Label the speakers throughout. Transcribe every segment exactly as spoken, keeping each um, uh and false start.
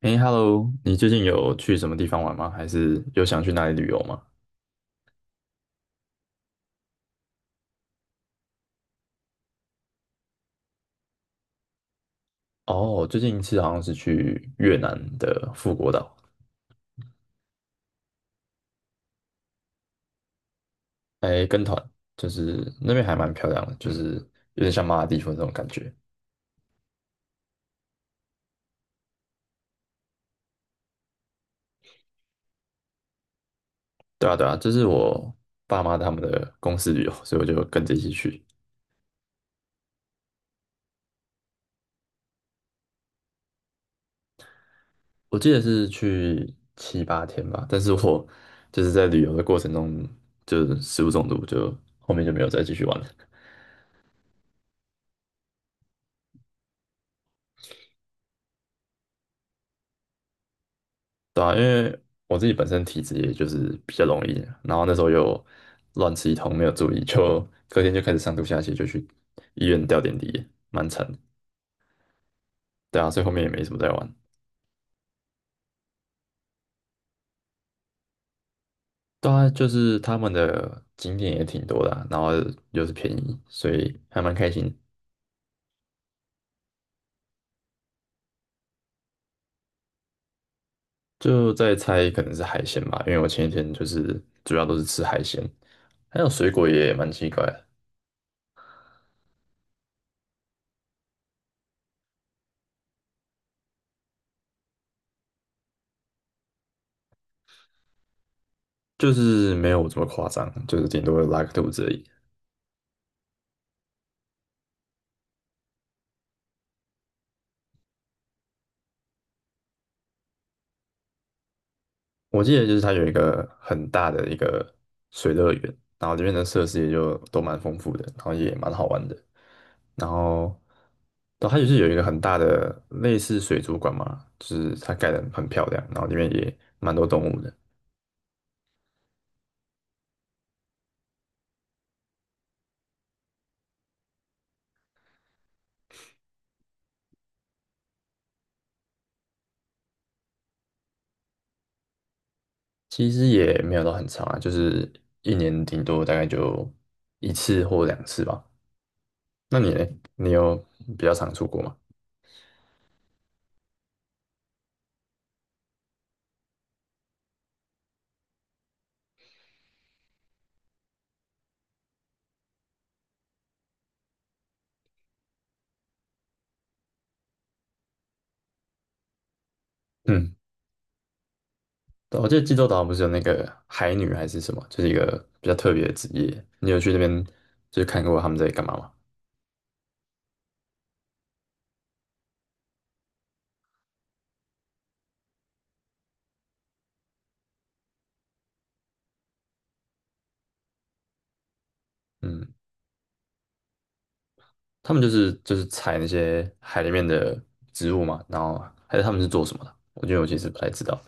Speaker 1: 哎，Hello，你最近有去什么地方玩吗？还是有想去哪里旅游吗？哦，最近一次好像是去越南的富国岛。哎，跟团。就是那边还蛮漂亮的，就是有点像马尔地夫那种感觉。对啊，对啊，这是我爸妈他们的公司旅游，所以我就跟着一起去。我记得是去七八天吧，但是我 就是在旅游的过程中就是食物中毒，就后面就没有再继续玩了。对啊，因为我自己本身体质也就是比较容易，然后那时候又乱吃一通，没有注意，就隔天就开始上吐下泻，就去医院吊点滴，蛮惨的。对啊，所以后面也没什么在玩。对啊，就是他们的景点也挺多的啊，然后又是便宜，所以还蛮开心。就在猜可能是海鲜吧，因为我前一天就是主要都是吃海鲜，还有水果也蛮奇怪的。就是没有这么夸张，就是顶多拉个肚子而已。我记得就是它有一个很大的一个水乐园，然后里面的设施也就都蛮丰富的，然后也蛮好玩的。然后，然后它就是有一个很大的类似水族馆嘛，就是它盖得很漂亮，然后里面也蛮多动物的。其实也没有到很长啊，就是一年顶多大概就一次或两次吧。那你呢？你有比较常出国吗？嗯。对我记得济州岛不是有那个海女还是什么，就是一个比较特别的职业。你有去那边就是看过他们在干嘛吗？嗯，他们就是就是采那些海里面的植物嘛，然后还是他们是做什么的？我觉得我其实不太知道。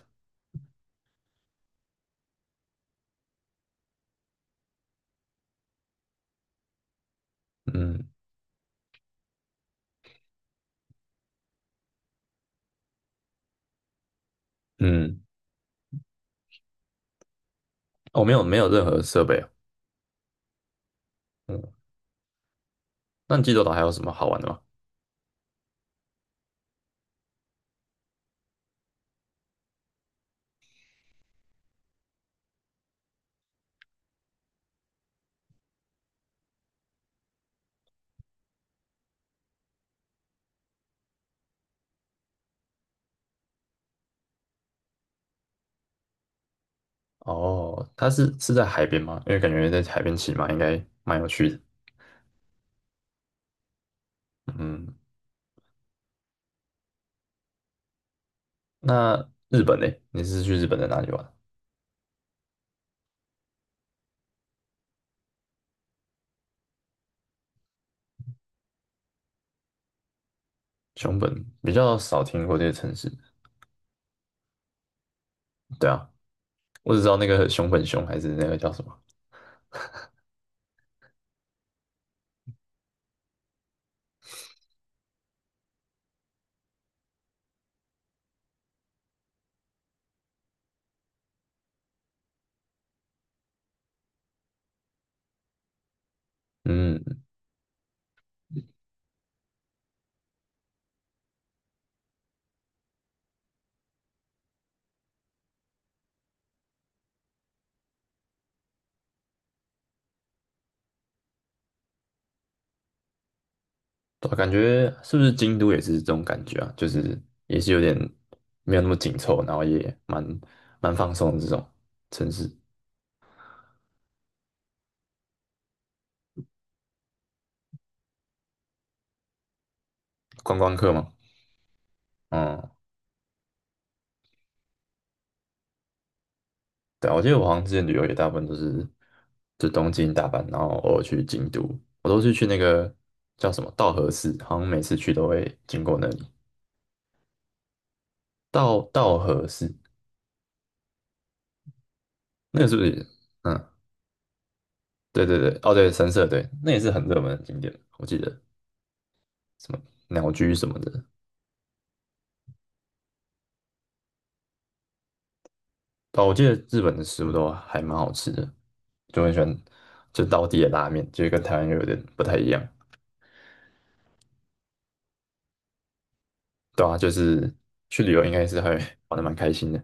Speaker 1: 嗯嗯，哦，没有没有任何设备哦。嗯，那济州岛还有什么好玩的吗？哦，它是是在海边吗？因为感觉在海边骑马应该蛮有趣的。嗯，那日本呢？你是去日本的哪里玩？熊本比较少听过这个城市。对啊，我只知道那个熊本熊还是那个叫什么。嗯，对啊，感觉是不是京都也是这种感觉啊？就是也是有点没有那么紧凑，然后也蛮蛮放松的这种城市。观光客嘛。嗯，对啊，我记得我好像之前旅游也大部分都是就东京、大阪，然后偶尔去京都。我都是去那个叫什么稻荷市，好像每次去都会经过那里。稻稻荷市。那个是不是？嗯，对对对，哦对，神社对，那也是很热门的景点，我记得。什么鸟居什么的。哦，我记得日本的食物都还蛮好吃的，就很喜欢就道地的拉面，就是跟台湾又有点不太一样。对啊，就是去旅游应该是还 玩的蛮开心的。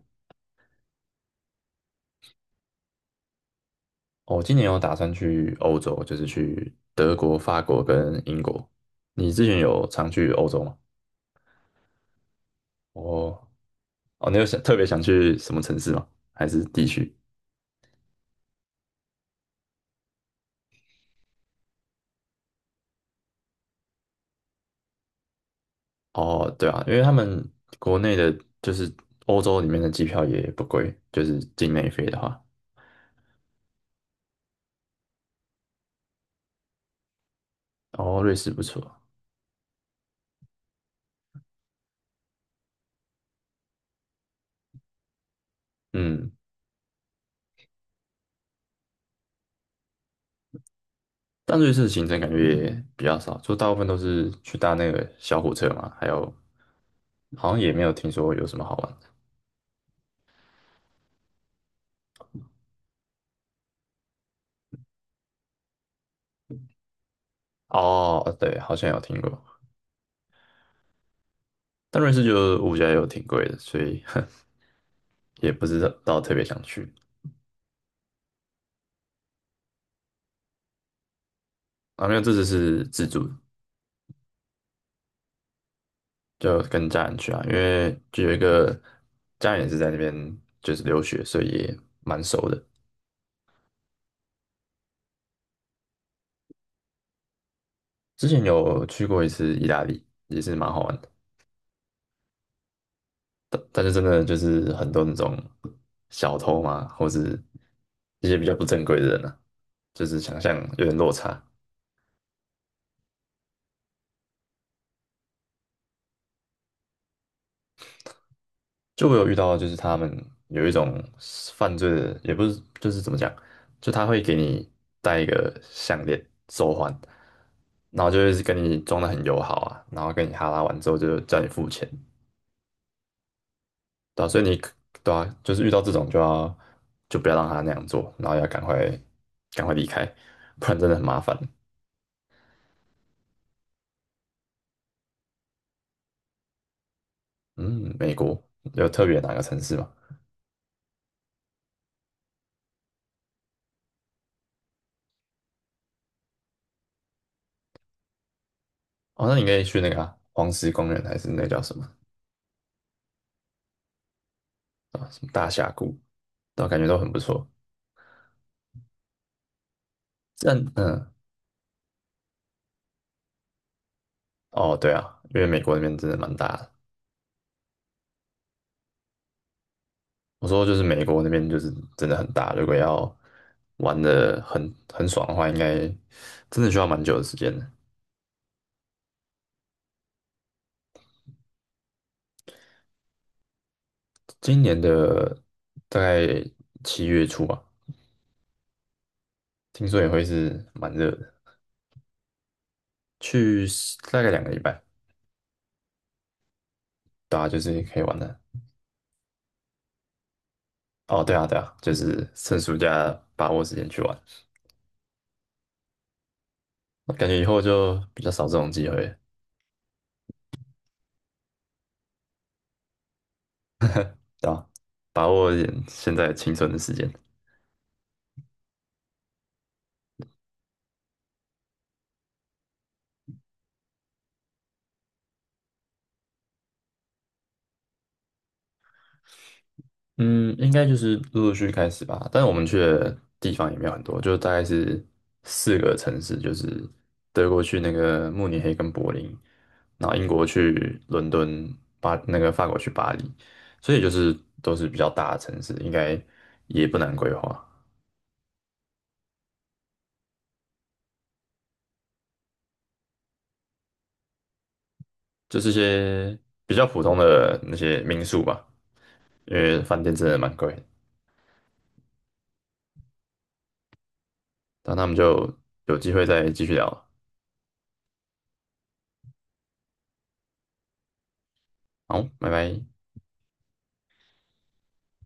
Speaker 1: 哦，今年有打算去欧洲，就是去德国、法国跟英国。你之前有常去欧洲吗？哦哦，你有想特别想去什么城市吗？还是地区？哦，对啊，因为他们国内的，就是欧洲里面的机票也不贵，就是境内飞的话。哦，瑞士不错。嗯，但瑞士的行程感觉也比较少，就大部分都是去搭那个小火车嘛，还有好像也没有听说有什么好玩的。哦，对，好像有听过，但瑞士就物价又挺贵的，所以 也不知道特别想去。啊，没有，这次是自助。就跟家人去啊，因为就有一个家人也是在那边就是留学，所以也蛮熟的。之前有去过一次意大利，也是蛮好玩的。但但是真的就是很多那种小偷嘛，或者一些比较不正规的人啊，就是想象有点落差。就我有遇到，就是他们有一种犯罪的，也不是就是怎么讲，就他会给你戴一个项链手环，然后就会跟你装的很友好啊，然后跟你哈拉完之后就叫你付钱。对啊，所以你可对啊，就是遇到这种就要就不要让他那样做，然后要赶快赶快离开，不然真的很麻烦。嗯，美国有特别哪个城市吗？哦，那你可以去那个啊，黄石公园，还是那叫什么什么大峡谷，都感觉都很不错。但嗯，哦，对啊，因为美国那边真的蛮大的。我说就是美国那边就是真的很大，如果要玩的很很爽的话，应该真的需要蛮久的时间的。今年的大概七月初吧，听说也会是蛮热的，去大概两个礼拜，大家就是可以玩的。哦，对啊，对啊，就是趁暑假把握时间去玩，感觉以后就比较少这种机会，对吧？把握一点现在青春的时间。嗯，应该就是陆陆续续开始吧。但是我们去的地方也没有很多，就大概是四个城市，就是德国去那个慕尼黑跟柏林，然后英国去伦敦，巴那个法国去巴黎，所以就是都是比较大的城市，应该也不难规划，就是一些比较普通的那些民宿吧。因为饭店真的蛮贵的。那我们就有机会再继续聊了。好，拜拜。